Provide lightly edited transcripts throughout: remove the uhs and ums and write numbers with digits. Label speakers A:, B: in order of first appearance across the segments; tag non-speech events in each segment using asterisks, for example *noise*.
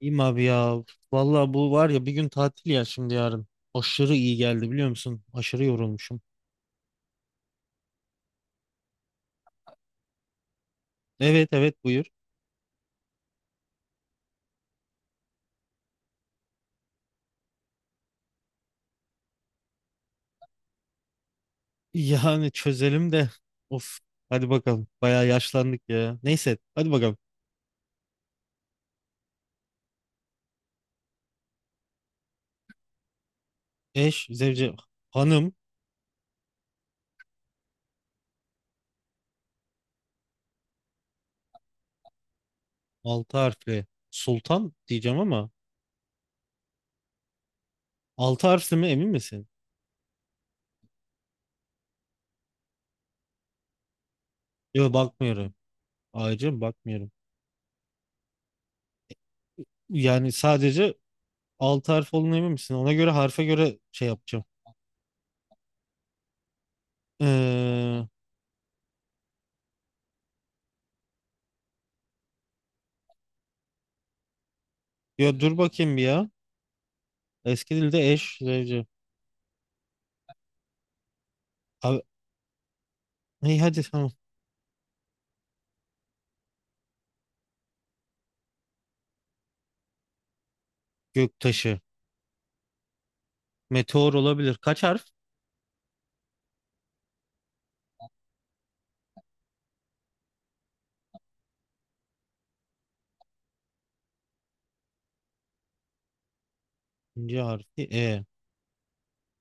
A: İyiyim abi ya. Vallahi bu var ya bir gün tatil ya şimdi yarın. Aşırı iyi geldi biliyor musun? Aşırı yorulmuşum. Evet evet buyur. *laughs* Yani çözelim de. Of hadi bakalım. Bayağı yaşlandık ya. Neyse hadi bakalım. Eş, zevce, hanım. Altı harfli. Sultan diyeceğim ama. Altı harfli mi emin misin? Yok bakmıyorum. Ayrıca bakmıyorum. Yani sadece altı harf olduğuna emin misin? Ona göre harfe göre şey yapacağım. Ee, ya dur bakayım bir ya. Eski dilde eş, zevce. Abi, hey hadi tamam. Göktaşı. Meteor olabilir. Kaç harf? İkinci harfi E.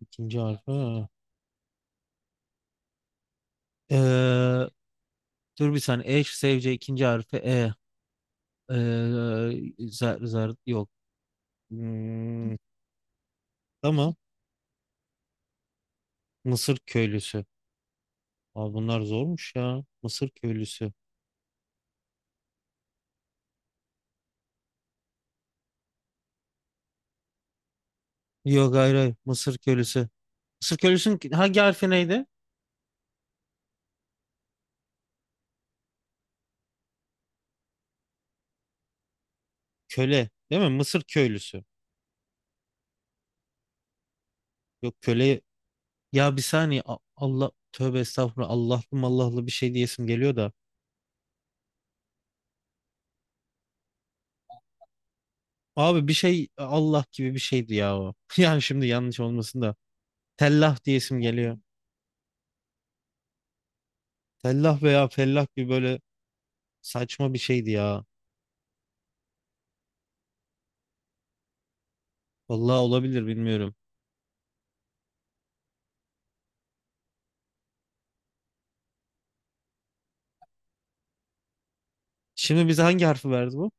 A: İkinci harfi E. Ee, dur bir saniye. E sevce ikinci harfi E. Ee, zar, zar yok. Hmm, tamam. Mısır köylüsü. Abi bunlar zormuş ya. Mısır köylüsü. Yok hayır hayır. Mısır köylüsü. Mısır köylüsünün hangi harfi neydi? Köle. Değil mi? Mısır köylüsü. Yok köle. Ya bir saniye. Allah. Tövbe estağfurullah. Allah'lı mallahlı bir şey diyesim geliyor da. Abi bir şey Allah gibi bir şeydi ya o. *laughs* Yani şimdi yanlış olmasın da. Tellah diye isim geliyor. Tellah veya fellah gibi böyle saçma bir şeydi ya. Vallahi olabilir bilmiyorum. Şimdi bize hangi harfi verdi bu?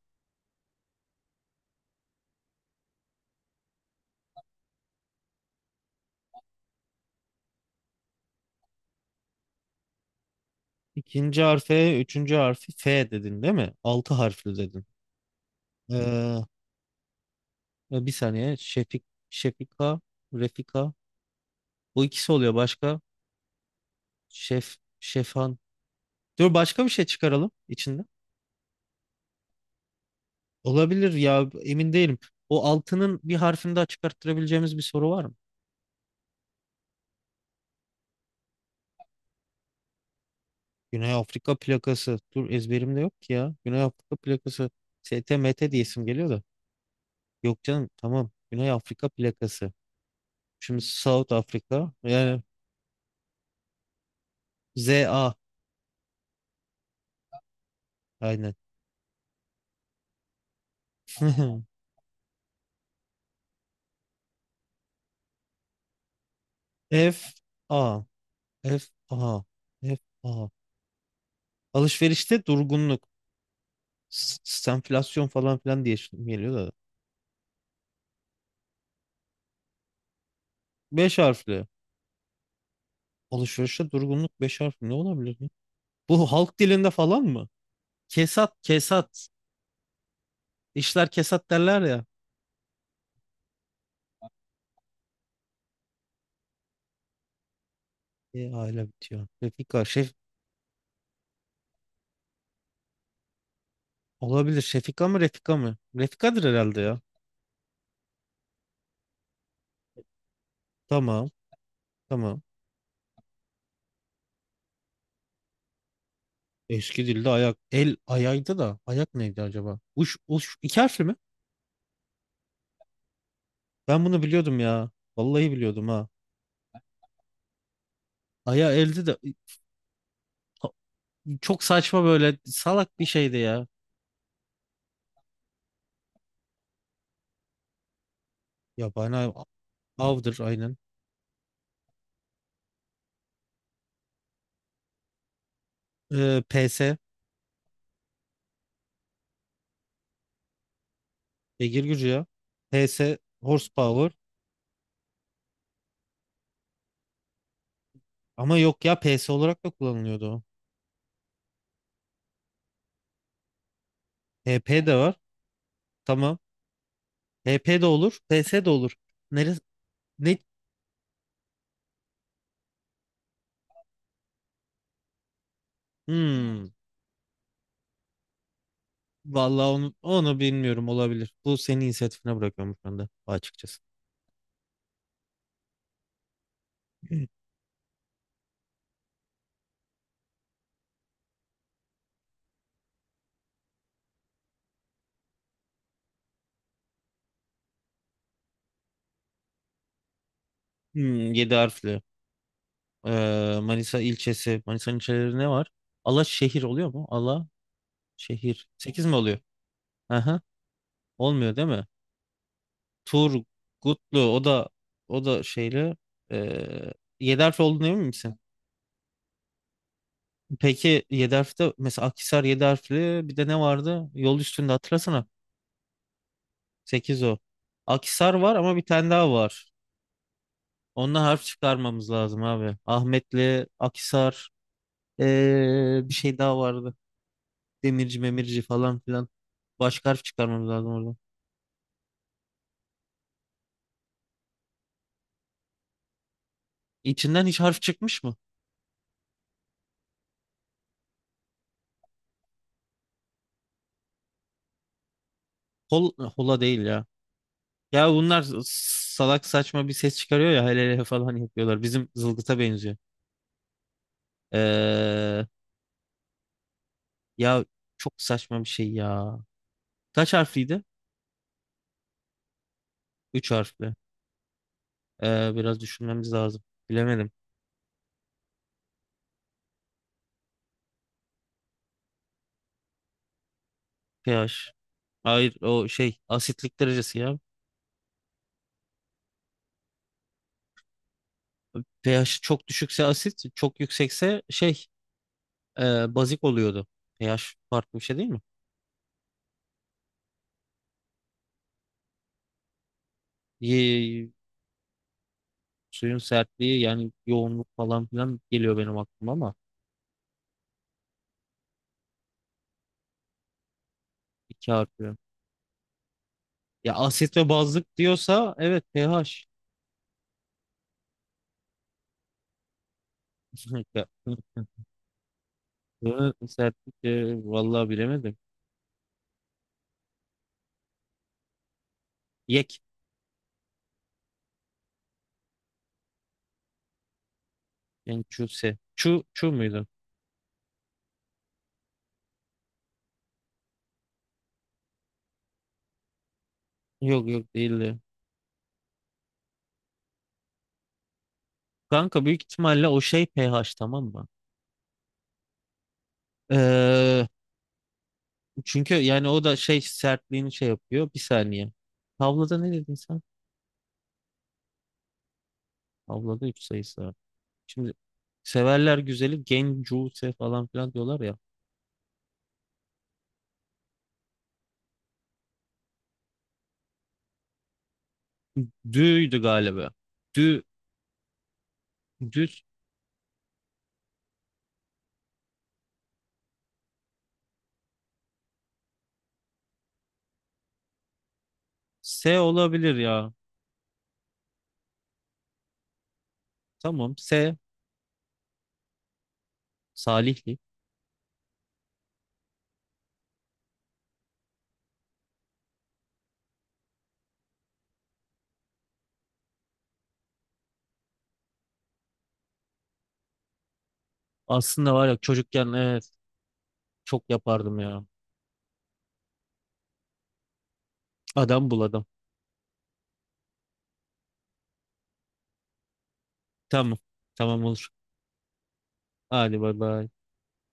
A: İkinci harfe, üçüncü harfi F dedin değil mi? Altı harfli dedin. Ee, bir saniye. Şefik, Şefika, Refika. Bu ikisi oluyor başka. Şef, Şefan. Dur başka bir şey çıkaralım içinde. Olabilir ya emin değilim. O altının bir harfini daha çıkarttırabileceğimiz bir soru var mı? Güney Afrika plakası. Dur ezberimde yok ki ya. Güney Afrika plakası. STMT diye isim geliyor da. Yok canım tamam. Güney Afrika plakası. Şimdi South Africa. Yani ZA. Aynen. *laughs* F A. F A. F A. Alışverişte durgunluk. Stenflasyon falan filan diye isim geliyor da. Beş harfli. Alışverişte durgunluk beş harfli ne olabilir? Bu halk dilinde falan mı? Kesat, kesat. İşler kesat derler ya. E, aile bitiyor. Refika, şef olabilir. Şefika mı, Refika mı? Refika'dır herhalde ya. Tamam, tamam. Eski dilde ayak, el ayaydı da ayak neydi acaba? Uş, uş iki harfli mi? Ben bunu biliyordum ya. Vallahi biliyordum ha. Aya eldi de çok saçma böyle salak bir şeydi ya. Ya bana avdır aynen. PS, beygir gücü ya. PS, horsepower. Ama yok ya PS olarak da kullanılıyordu o. HP de var. Tamam. HP de olur. PS de olur. Neresi? Ne? Hmm. Vallahi onu bilmiyorum olabilir. Bu senin inisiyatifine bırakıyorum şu anda açıkçası. *clears throat* 7 harfli. Manisa ilçesi. Manisa'nın ilçeleri ne var? Alaşehir oluyor mu? Ala şehir. Sekiz mi oluyor? Aha. Olmuyor değil mi? Turgutlu o da şeyle ee, 7 harfli olduğunu emin misin? Peki 7 harfte mesela Akhisar 7 harfli bir de ne vardı? Yol üstünde hatırlasana. Sekiz o. Akhisar var ama bir tane daha var. Onunla harf çıkarmamız lazım abi. Ahmetli, Akhisar, bir şey daha vardı. Demirci, Memirci falan filan. Başka harf çıkarmamız lazım oradan. İçinden hiç harf çıkmış mı? Hol, hola değil ya. Ya bunlar salak saçma bir ses çıkarıyor ya hele hele falan yapıyorlar. Bizim zılgıta benziyor. Ee, ya çok saçma bir şey ya. Kaç harfliydi? Üç harfli. Biraz düşünmemiz lazım. Bilemedim. pH. Hayır o şey asitlik derecesi ya. pH çok düşükse asit, çok yüksekse şey bazik oluyordu. pH farklı bir şey değil mi? Ye- suyun sertliği yani yoğunluk falan filan geliyor benim aklıma ama iki harfli. Ya asit ve bazlık diyorsa evet pH. *laughs* Bunu sertlik vallahi bilemedim. Yek. Yani çu se. Çu muydu? Yok yok değildi. Kanka büyük ihtimalle o şey pH tamam mı? Ee, çünkü yani o da şey sertliğini şey yapıyor. Bir saniye. Tavlada ne dedin sen? Tavlada 3 sayısı var. Şimdi severler güzeli gencuse falan filan diyorlar ya. Dü'ydü galiba. Dü, düz S olabilir ya. Tamam S Salihli. Aslında var ya çocukken evet çok yapardım ya. Adam buladım. Tamam. Tamam olur. Hadi bay bay.